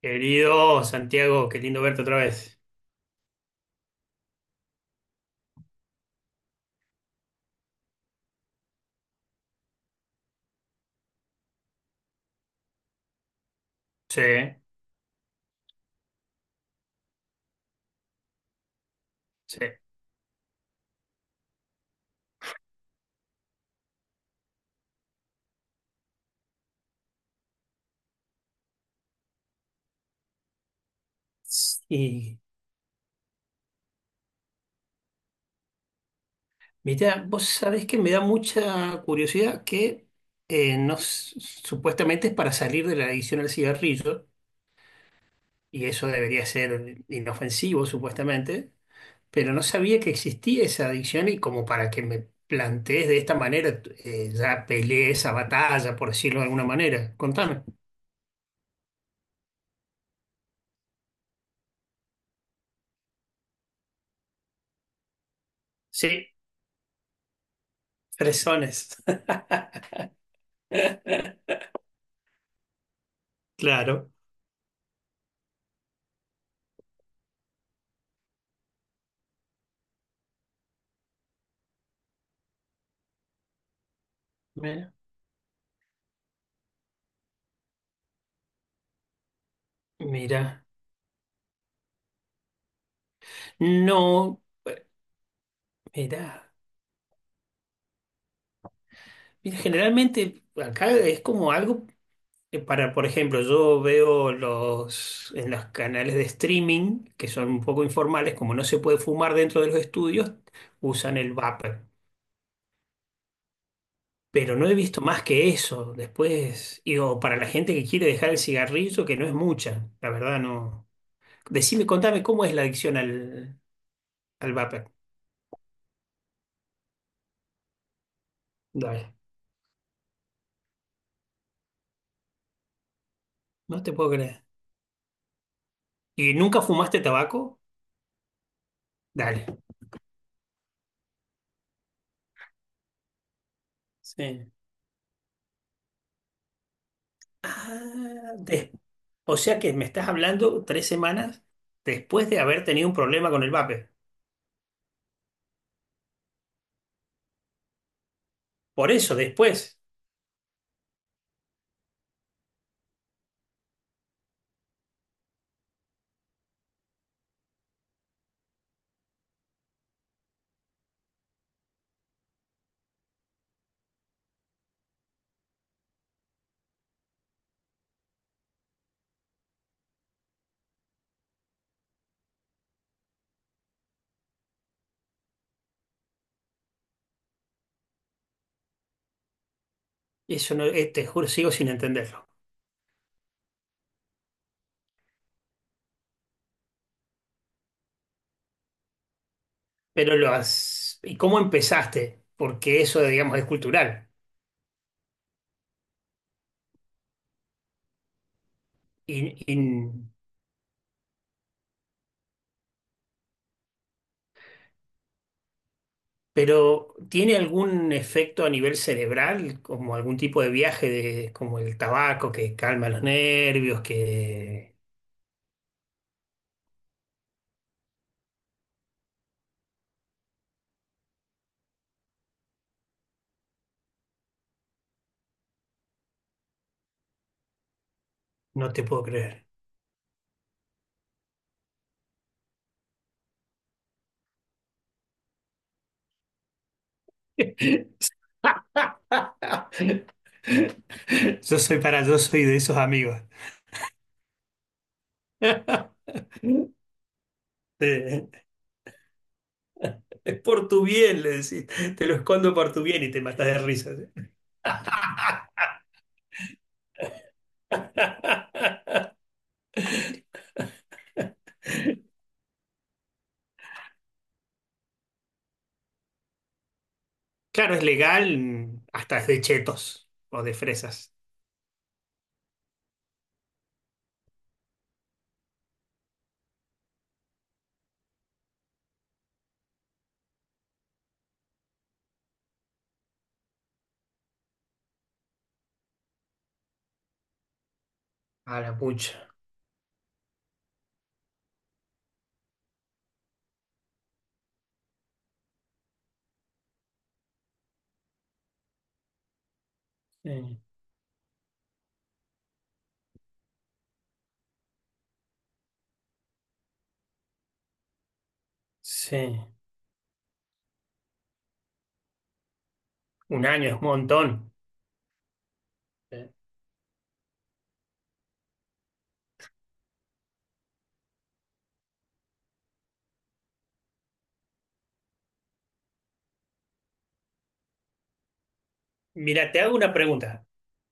Querido Santiago, qué lindo verte otra vez. Sí, sí. Y mira, vos sabés que me da mucha curiosidad que no, supuestamente es para salir de la adicción al cigarrillo, y eso debería ser inofensivo supuestamente, pero no sabía que existía esa adicción y como para que me plantees de esta manera, ya peleé esa batalla, por decirlo de alguna manera. Contame. Sí, fresones. Claro. Mira. Mira. No, bueno, mira, mira, generalmente acá es como algo que para, por ejemplo, yo veo los en los canales de streaming que son un poco informales, como no se puede fumar dentro de los estudios, usan el vapor. Pero no he visto más que eso. Después, y o para la gente que quiere dejar el cigarrillo, que no es mucha, la verdad no. Decime, contame cómo es la adicción al, al vapor. Dale, no te puedo creer. ¿Y nunca fumaste tabaco? Dale. Sí. Ah, de- o sea que me estás hablando tres semanas después de haber tenido un problema con el vape. Por eso, después. Eso no, te juro, sigo sin entenderlo. Pero lo has... ¿Y cómo empezaste? Porque eso, digamos, es cultural. Y, y- pero ¿tiene algún efecto a nivel cerebral, como algún tipo de viaje, de, como el tabaco que calma los nervios, que no te puedo creer? Yo soy para, yo soy de esos amigos. Eh, Es por tu bien, le decís. Te lo escondo por tu bien y te matas de risa. Claro, es legal hasta de chetos o de fresas. A la pucha. Sí. Sí. Un año es un montón. Sí. Mira, te hago una pregunta.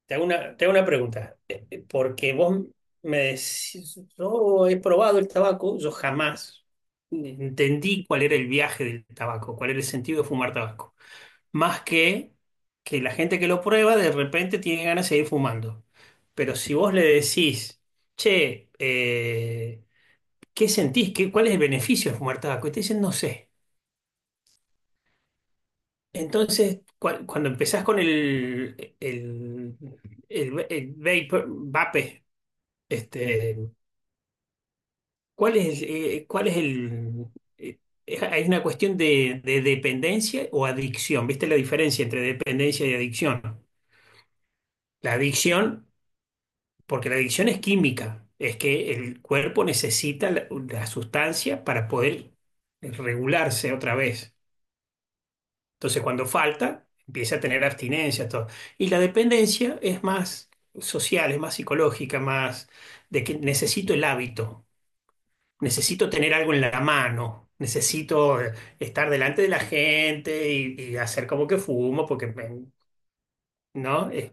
Te hago una pregunta. Porque vos me decís, yo he probado el tabaco, yo jamás entendí cuál era el viaje del tabaco, cuál era el sentido de fumar tabaco, más que la gente que lo prueba de repente tiene ganas de seguir fumando. Pero si vos le decís, che, ¿qué sentís? ¿Qué, cuál es el beneficio de fumar tabaco? Y te dicen, no sé. Entonces, cuando empezás con el vapor, vape. Este, cuál es el... eh, hay una cuestión de dependencia o adicción. ¿Viste la diferencia entre dependencia y adicción? La adicción, porque la adicción es química, es que el cuerpo necesita la, la sustancia para poder regularse otra vez. Entonces, cuando falta, empieza a tener abstinencia, todo. Y la dependencia es más social, es más psicológica, más de que necesito el hábito. Necesito tener algo en la mano, necesito estar delante de la gente y hacer como que fumo, porque ¿no?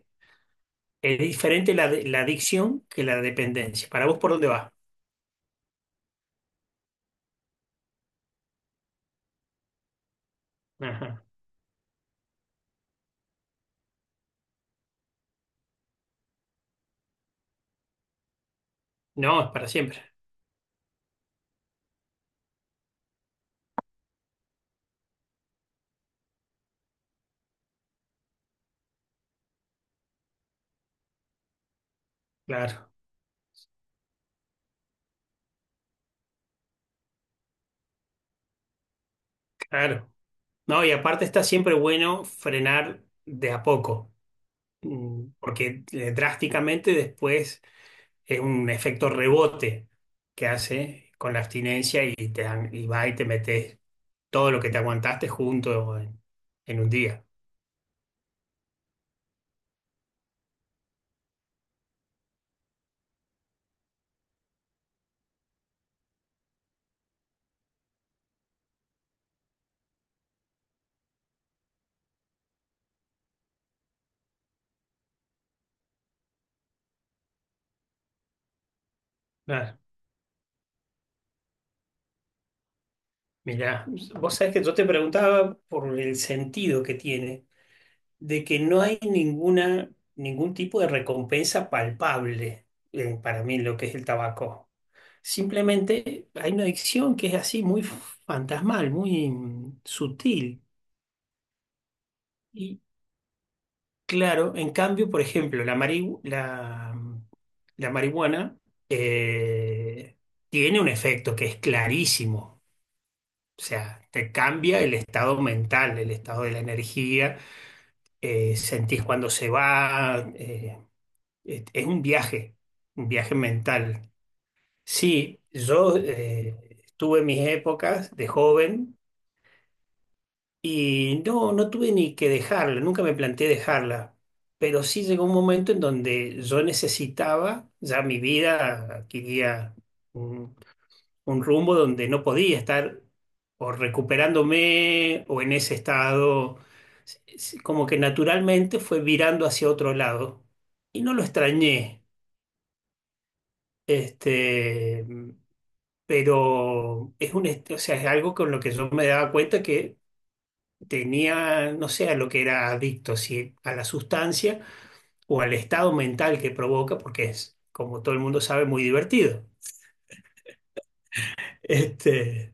Es diferente la, la adicción que la dependencia. ¿Para vos por dónde va? Ajá. No, es para siempre. Claro, claro. No, y aparte está siempre bueno frenar de a poco, mm, porque drásticamente después es un efecto rebote que hace con la abstinencia y, y va y te metes todo lo que te aguantaste junto en un día. Ah, mirá, vos sabés que yo te preguntaba por el sentido que tiene, de que no hay ninguna, ningún tipo de recompensa palpable para mí en lo que es el tabaco. Simplemente hay una adicción que es así, muy fantasmal, muy mm, sutil. Y claro, en cambio, por ejemplo, la, la marihuana eh, tiene un efecto que es clarísimo. O sea, te cambia el estado mental, el estado de la energía, sentís cuando se va, es un viaje mental. Sí, yo tuve mis épocas de joven y no, no tuve ni que dejarla, nunca me planteé dejarla, pero sí llegó un momento en donde yo necesitaba, ya mi vida adquiría un rumbo donde no podía estar o recuperándome o en ese estado. Como que naturalmente fue virando hacia otro lado. Y no lo extrañé, este, pero es un, o sea, es algo con lo que yo me daba cuenta que tenía, no sé, a lo que era adicto, si a la sustancia o al estado mental que provoca, porque es, como todo el mundo sabe, muy divertido. Este,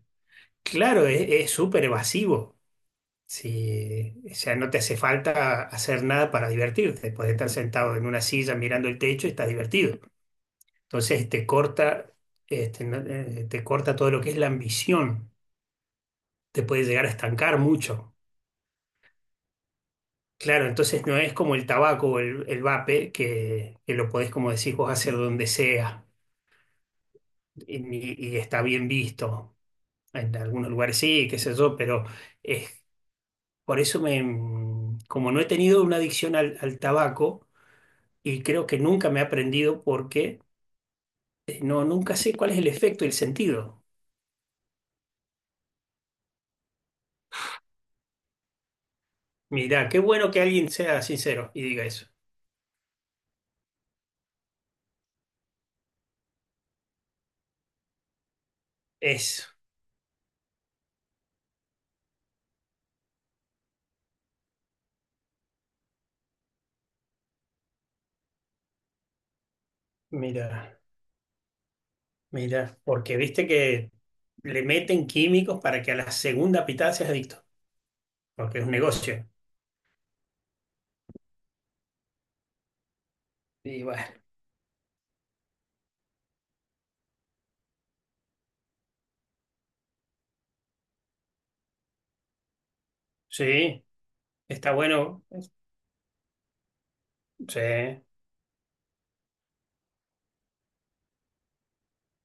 claro, es súper evasivo. Sí, o sea, no te hace falta hacer nada para divertirte. Puedes estar sentado en una silla mirando el techo y estás divertido. Entonces te corta, este, te corta todo lo que es la ambición. Te puede llegar a estancar mucho. Claro, entonces no es como el tabaco o el vape, que lo podés, como decís vos, hacer donde sea y, y está bien visto. En algunos lugares sí, qué sé yo, pero es, por eso me, como no he tenido una adicción al tabaco, y creo que nunca me he aprendido porque no, nunca sé cuál es el efecto y el sentido. Mira, qué bueno que alguien sea sincero y diga eso. Eso, mira, mira, porque viste que le meten químicos para que a la segunda pitada seas adicto, porque es un negocio. Y bueno, sí, está bueno. Sí.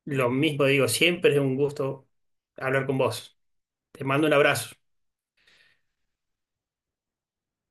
Lo mismo digo, siempre es un gusto hablar con vos. Te mando un abrazo.